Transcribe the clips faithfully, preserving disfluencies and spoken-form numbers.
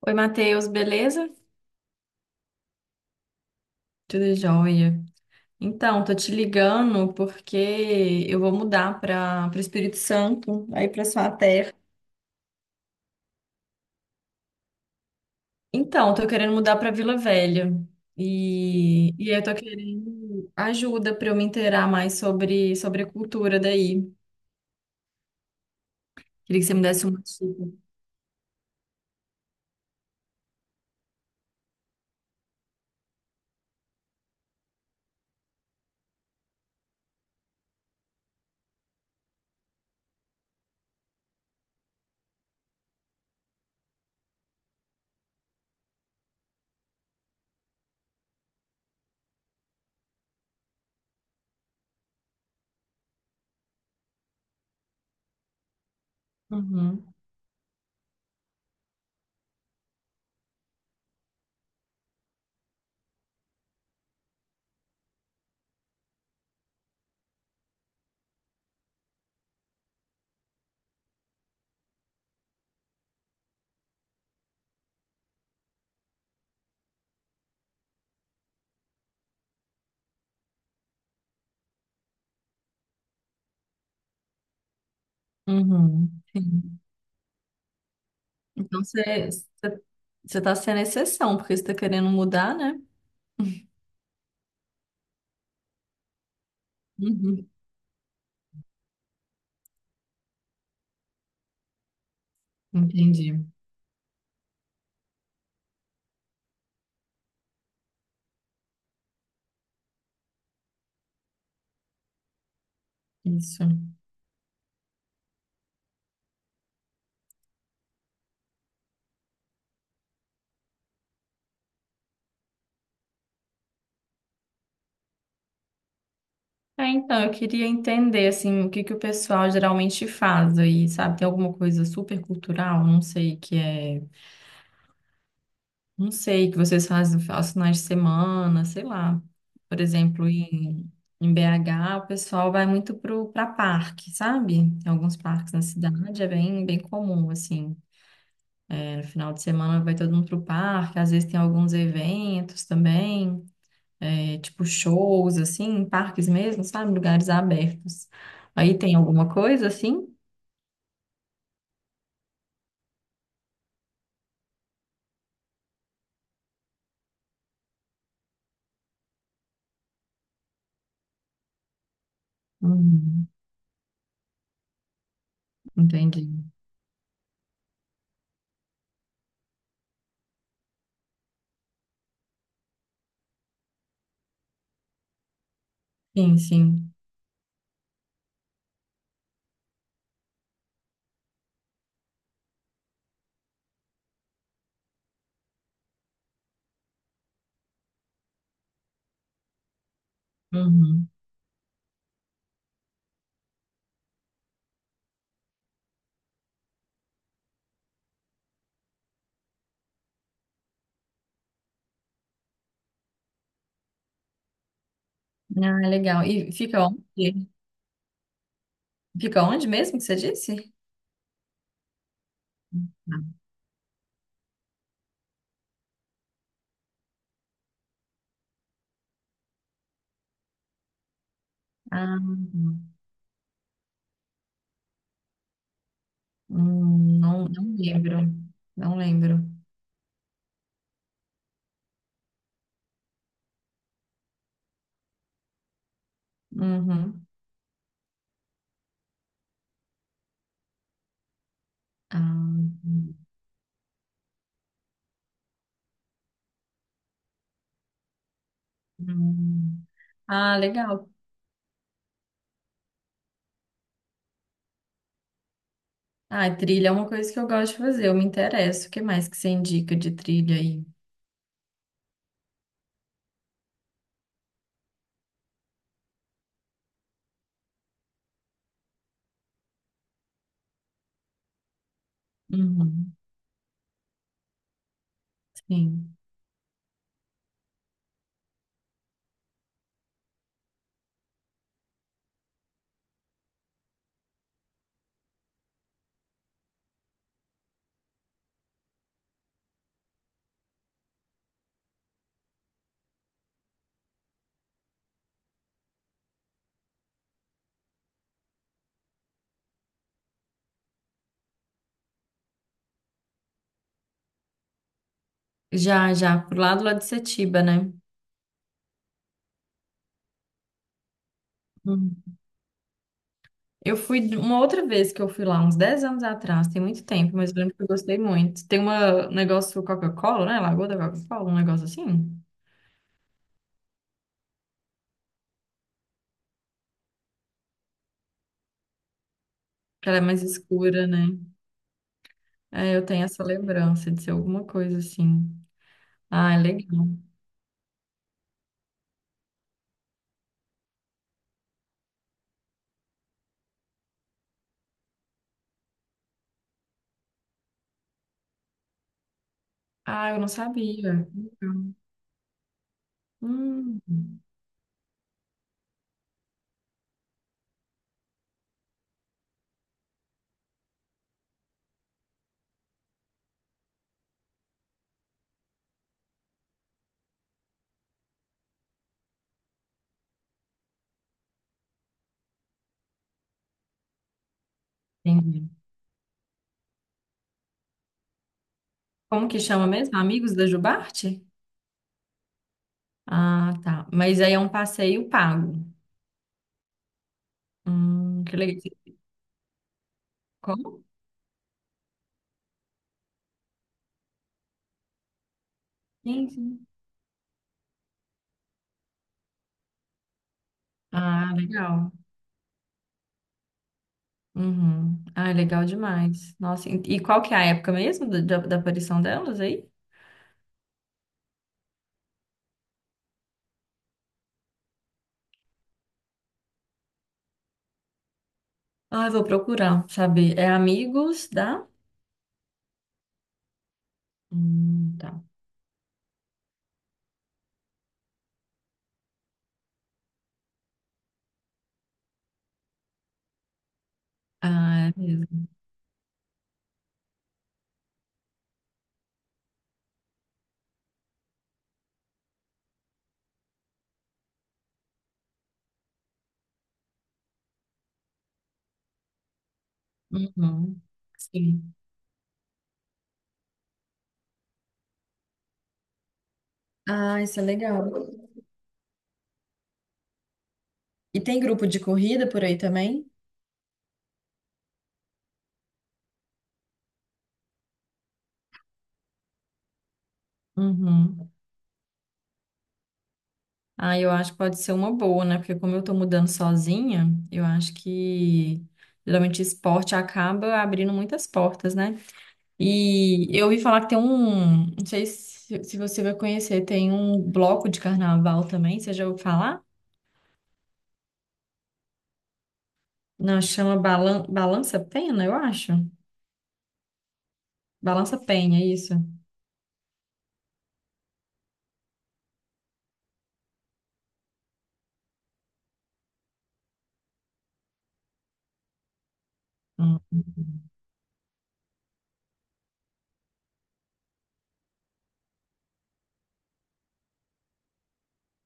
Oi, Matheus, beleza? Tudo jóia. Então, tô te ligando porque eu vou mudar para o Espírito Santo, aí para sua terra. Então, tô querendo mudar para Vila Velha. E, e eu tô querendo ajuda para eu me inteirar mais sobre, sobre a cultura daí. Queria que você me desse uma dica. Uhum, uhum. Sim. Então, você você- você tá sendo exceção, porque você tá querendo mudar, né? Uhum. Entendi. Isso. É, então, eu queria entender, assim, o que que o pessoal geralmente faz aí, sabe? Tem alguma coisa super cultural? Não sei, que é... Não sei, que vocês fazem aos finais de semana, sei lá. Por exemplo, em, em B H, o pessoal vai muito pro, pra parque, sabe? Tem alguns parques na cidade, é bem, bem comum, assim. É, no final de semana vai todo mundo pro parque, às vezes tem alguns eventos também. É, tipo shows, assim, em parques mesmo, sabe? Lugares abertos. Aí tem alguma coisa assim? Uhum, entendi. Sim, sim. Uhum. Ah, legal. E fica onde? Fica onde mesmo que você disse? Ah, hum, não, não lembro. Não lembro. Uhum. Ah, hum, hum. Ah, legal. Ah, trilha é uma coisa que eu gosto de fazer, eu me interesso. O que mais que você indica de trilha aí? Uhum. Sim. Já, já, pro lado lá de Setiba, né? Hum. Eu fui de- uma outra vez que eu fui lá, uns dez anos atrás, tem muito tempo, mas eu lembro que eu gostei muito. Tem uma, um negócio Coca-Cola, né? Lagoa da Coca-Cola, um negócio assim, que ela é mais escura, né? É, eu tenho essa lembrança de ser alguma coisa assim. Ah, é legal. Ah, eu não sabia. Legal. Hum, entendi. Como que chama mesmo? Amigos da Jubarte? Ah, tá. Mas aí é um passeio pago. Hum, que legal. Como? Sim, sim. Ah, legal. Uhum. Ah, legal demais. Nossa, e e qual que é a época mesmo da, da da aparição delas aí? Ah, eu vou procurar, saber. É Amigos da... Hum, tá. Ah, é mesmo. Uhum. Sim. Ah, isso é legal. E tem grupo de corrida por aí também? Uhum. Ah, eu acho que pode ser uma boa, né? Porque como eu tô mudando sozinha, eu acho que geralmente esporte acaba abrindo muitas portas, né? E eu ouvi falar que tem um, não sei se, se você vai conhecer, tem um bloco de carnaval também, você já ouviu falar? Não, chama Balan- Balança Pena, eu acho. Balança Penha, é isso. Hum.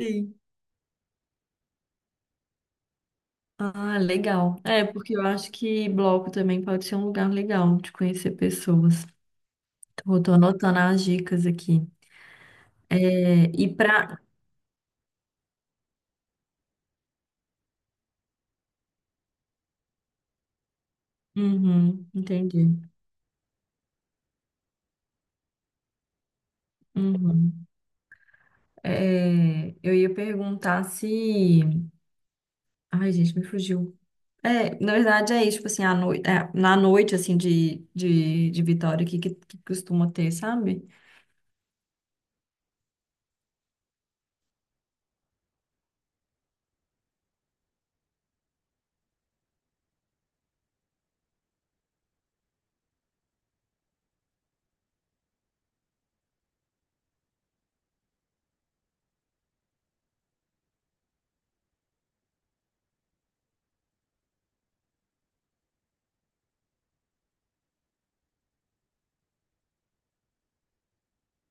Sim. Ah, legal. É, porque eu acho que bloco também pode ser um lugar legal de conhecer pessoas. Tô, tô anotando as dicas aqui. É, e pra. Uhum, entendi. Uhum. É, eu ia perguntar se. Ai, gente, me fugiu. É, na verdade é isso, tipo assim, à noite, na noite, assim, de, de, de Vitória, que, que, que costuma ter, sabe?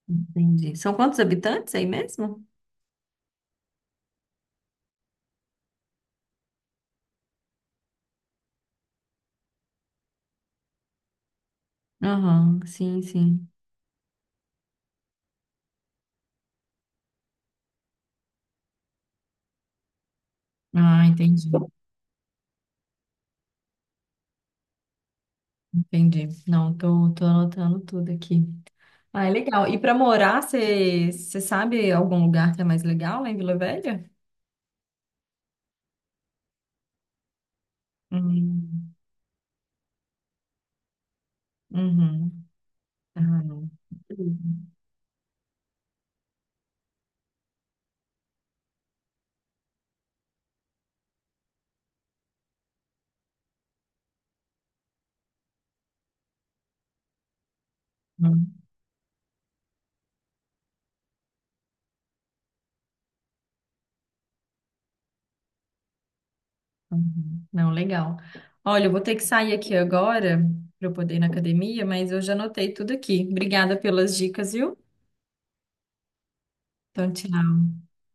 Entendi. São quantos habitantes é aí mesmo? Aham, sim, sim. Ah, entendi, entendi. Não, tô, tô anotando tudo aqui. Ah, é legal. E pra morar, você você sabe algum lugar que é mais legal lá em Vila Velha? Hum, uhum. Ah, não. Uhum. Uhum. Não, legal. Olha, eu vou ter que sair aqui agora para eu poder ir na academia, mas eu já anotei tudo aqui. Obrigada pelas dicas, viu? Então, tchau.